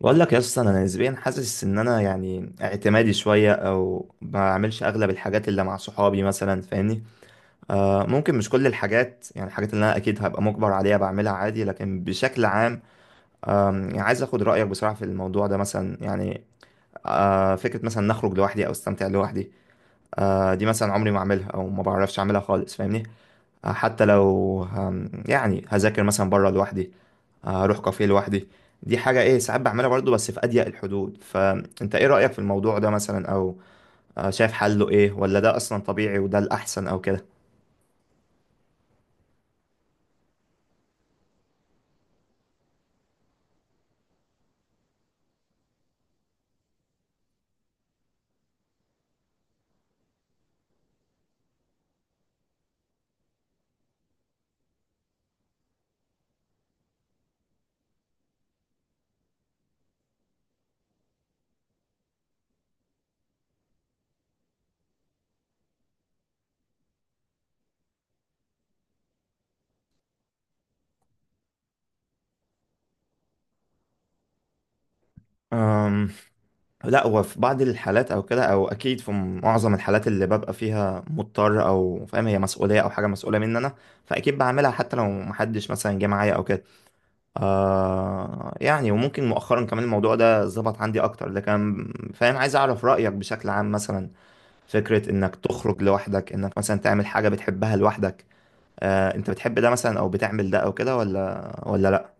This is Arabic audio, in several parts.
بقول لك يا اسطى انا نسبيا حاسس ان انا يعني اعتمادي شويه او ما بعملش اغلب الحاجات اللي مع صحابي مثلا فاهمني. ممكن مش كل الحاجات يعني الحاجات اللي انا اكيد هبقى مجبر عليها بعملها عادي لكن بشكل عام. يعني عايز اخد رايك بصراحه في الموضوع ده مثلا يعني. فكره مثلا نخرج لوحدي او استمتع لوحدي. دي مثلا عمري ما اعملها او ما بعرفش اعملها خالص فاهمني. حتى لو يعني هذاكر مثلا بره لوحدي. اروح كافيه لوحدي. دي حاجة ايه، ساعات بعملها برضه بس في اضيق الحدود. فانت ايه رأيك في الموضوع ده مثلا، او شايف حله ايه، ولا ده اصلا طبيعي وده الاحسن او كده؟ أم لا، هو في بعض الحالات او كده، او اكيد في معظم الحالات اللي ببقى فيها مضطر او فاهم هي مسؤوليه او حاجه مسؤوله مني انا، فاكيد بعملها حتى لو محدش مثلا جه معايا او كده. يعني وممكن مؤخرا كمان الموضوع ده ظبط عندي اكتر، لكن فاهم عايز اعرف رايك بشكل عام مثلا. فكرة انك تخرج لوحدك، انك مثلا تعمل حاجة بتحبها لوحدك، انت بتحب ده مثلا او بتعمل ده او كده ولا لا؟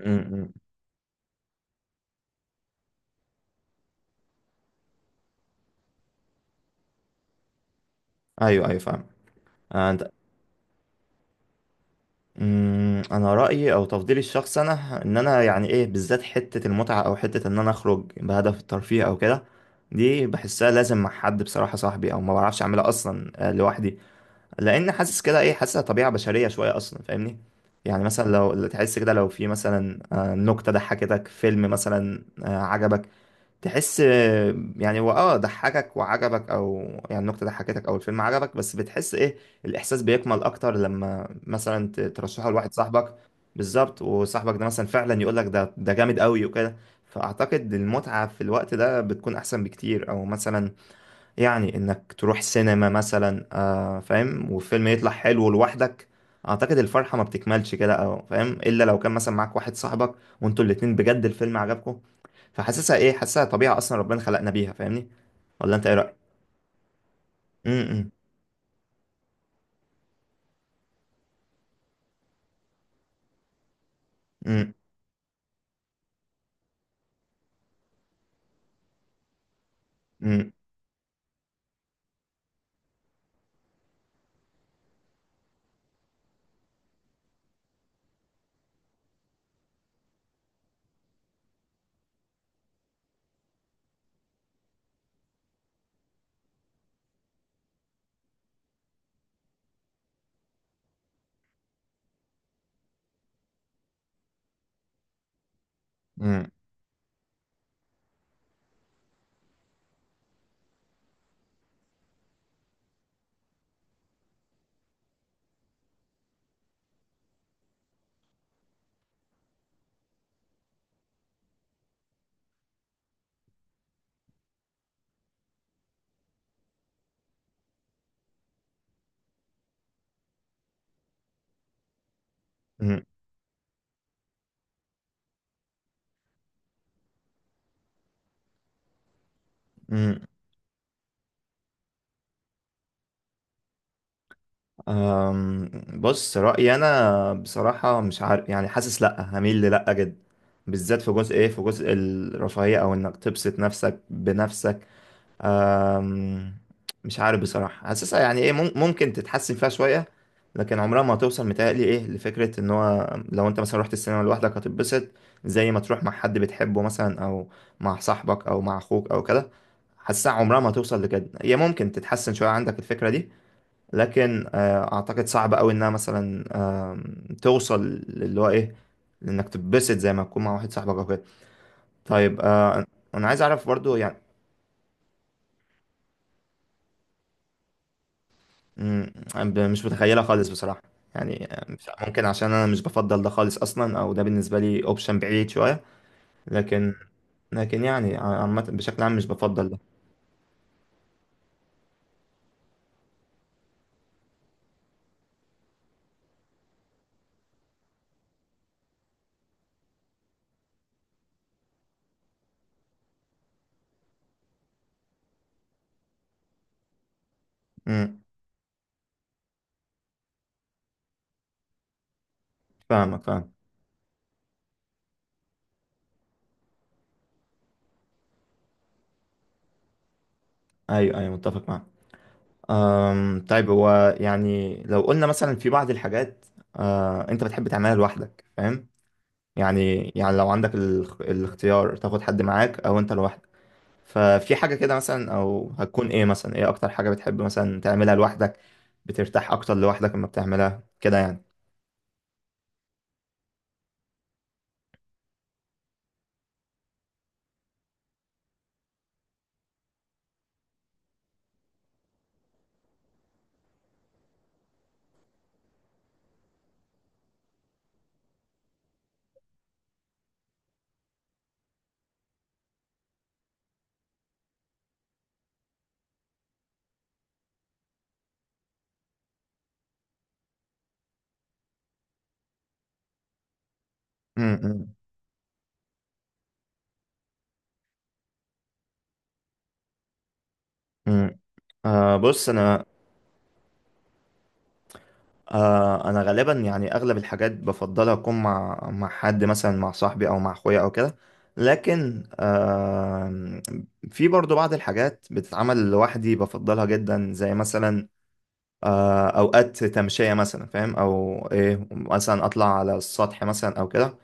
امم. ايوه ايوه، فاهم. آه، انت مم، انا رايي او تفضيلي الشخصي انا ان انا يعني ايه بالذات حته المتعه، او حته ان انا اخرج بهدف الترفيه او كده، دي بحسها لازم مع حد بصراحه، صاحبي، او ما بعرفش اعملها اصلا لوحدي. لان حاسس كده ايه، حاسسها طبيعه بشريه شويه اصلا فاهمني. يعني مثلا لو تحس كده، لو في مثلا نكته ضحكتك، فيلم مثلا عجبك، تحس يعني هو ضحكك وعجبك، او يعني النكته ضحكتك او الفيلم عجبك، بس بتحس ايه الاحساس بيكمل اكتر لما مثلا ترشحه لواحد صاحبك. بالظبط، وصاحبك ده مثلا فعلا يقول لك ده جامد قوي وكده. فاعتقد المتعه في الوقت ده بتكون احسن بكتير، او مثلا يعني انك تروح سينما مثلا، فاهم، والفيلم يطلع حلو لوحدك، اعتقد الفرحة ما بتكملش كده، او فاهم، الا لو كان مثلا معاك واحد صاحبك وانتوا الاتنين بجد الفيلم عجبكم. فحاسسها ايه، حاسسها طبيعة اصلا ربنا خلقنا بيها فاهمني. ولا انت ايه رأيك؟ امم. امم. امم. امم. امم. أم، بص رأيي أنا بصراحة مش عارف، يعني حاسس لأ، هميل لأ جدا، بالذات في جزء إيه، في جزء الرفاهية، أو إنك تبسط نفسك بنفسك. أم، مش عارف بصراحة، حاسسها يعني ايه، ممكن تتحسن فيها شوية، لكن عمرها ما هتوصل متهيألي ايه لفكرة ان هو لو انت مثلا رحت السينما لوحدك هتتبسط زي ما تروح مع حد بتحبه مثلا، او مع صاحبك او مع اخوك او كده. حاسسها عمرها ما هتوصل لكده، هي ممكن تتحسن شوية عندك الفكرة دي، لكن اعتقد صعب قوي انها مثلا توصل، اللي هو ايه انك تتبسط زي ما تكون مع واحد صاحبك او كده. طيب انا عايز اعرف برضو يعني. مم. مش متخيلة خالص بصراحة، يعني مش ممكن، عشان أنا مش بفضل ده خالص أصلا، أو ده بالنسبة لي أوبشن بعيد شوية. لكن يعني عامة بشكل عام مش بفضل ده. مم. فاهمك، فاهم. أيوه أيوه، متفق معاك. طيب هو يعني لو قلنا مثلا في بعض الحاجات أنت بتحب تعملها لوحدك فاهم، يعني لو عندك الاختيار تاخد حد معاك أو أنت لوحدك. ففي حاجة كده مثلا، أو هتكون إيه مثلا، إيه أكتر حاجة بتحب مثلا تعملها لوحدك، بترتاح أكتر لوحدك لما بتعملها كده يعني؟ امم. امم. آه بص أنا آه، أنا غالبا يعني أغلب الحاجات بفضلها أكون مع حد، مثلا مع صاحبي أو مع أخويا أو كده. لكن آه، في برضو بعض الحاجات بتتعمل لوحدي بفضلها جدا، زي مثلا أوقات تمشية مثلا فاهم، أو إيه مثلا أطلع على السطح مثلا أو كده،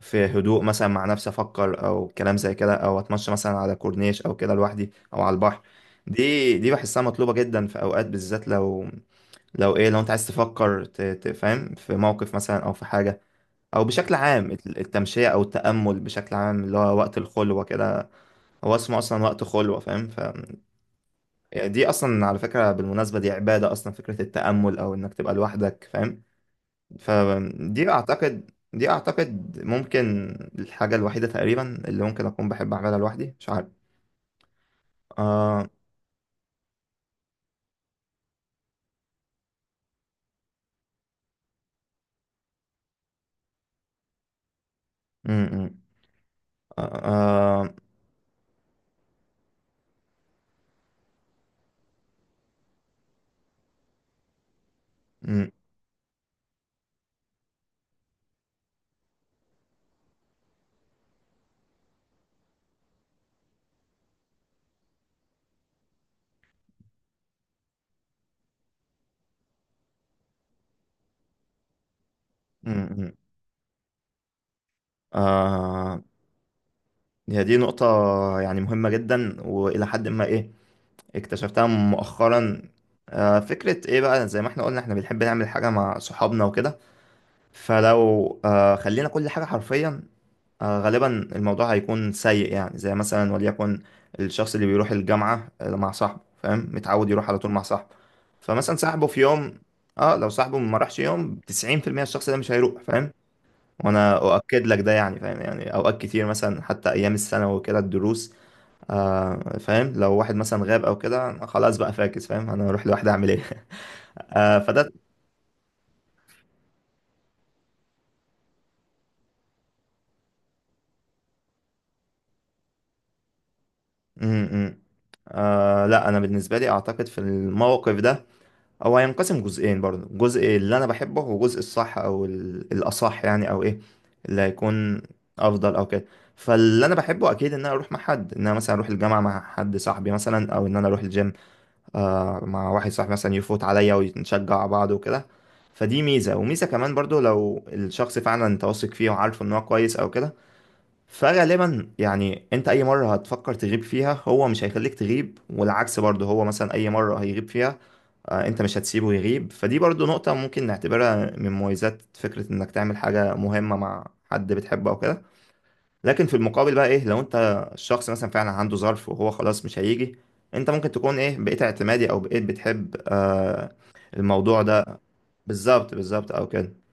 في هدوء مثلا مع نفسي افكر او كلام زي كده، او اتمشى مثلا على كورنيش او كده لوحدي، او على البحر. دي بحسها مطلوبة جدا في اوقات، بالذات لو لو ايه لو انت عايز تفكر فاهم في موقف مثلا او في حاجة، او بشكل عام التمشية او التأمل بشكل عام اللي هو وقت الخلوة كده، هو اسمه اصلا وقت خلوة فاهم ف، يعني دي اصلا على فكرة بالمناسبة دي عبادة اصلا، فكرة التأمل او انك تبقى لوحدك فاهم. فدي اعتقد دي اعتقد ممكن الحاجة الوحيدة تقريبا اللي ممكن اكون بحب اعملها لوحدي، مش عارف. آه م- م. آه، آه، م- م- م. آه، هي دي نقطة يعني مهمة جدا، وإلى حد ما إيه اكتشفتها مؤخرا. آه، فكرة إيه بقى، زي ما إحنا قلنا إحنا بنحب نعمل حاجة مع صحابنا وكده، فلو آه خلينا كل حاجة حرفيا غالبا الموضوع هيكون سيء. يعني زي مثلا، وليكن الشخص اللي بيروح الجامعة مع صاحبه فاهم، متعود يروح على طول مع صاحبه، فمثلا صاحبه في يوم اه لو صاحبه ما راحش يوم، 90% الشخص ده مش هيروح فاهم. وانا اؤكد لك ده يعني فاهم، يعني اوقات كتير مثلا حتى ايام السنة وكده الدروس، فاهم، لو واحد مثلا غاب او كده خلاص بقى فاكس فاهم، انا اروح لوحدي اعمل ايه فده م -م. آه لا، انا بالنسبة لي اعتقد في الموقف ده هو هينقسم جزئين برضه، جزء اللي انا بحبه، وجزء الصح او الاصح يعني، او ايه اللي هيكون افضل او كده. فاللي انا بحبه اكيد ان انا اروح مع حد، ان انا مثلا اروح الجامعه مع حد صاحبي مثلا، او ان انا اروح الجيم مع واحد صاحبي مثلا يفوت عليا ونشجع بعض وكده. فدي ميزه، وميزه كمان برضه لو الشخص فعلا انت واثق فيه وعارفه ان هو كويس او كده، فغالبا يعني انت اي مره هتفكر تغيب فيها هو مش هيخليك تغيب، والعكس برضه، هو مثلا اي مره هيغيب فيها انت مش هتسيبه يغيب، فدي برضو نقطة ممكن نعتبرها من مميزات فكرة انك تعمل حاجة مهمة مع حد بتحبه او كده. لكن في المقابل بقى ايه، لو انت الشخص مثلا فعلا عنده ظرف وهو خلاص مش هيجي، انت ممكن تكون ايه بقيت اعتمادي او بقيت بتحب الموضوع ده. بالظبط، بالظبط، او كده.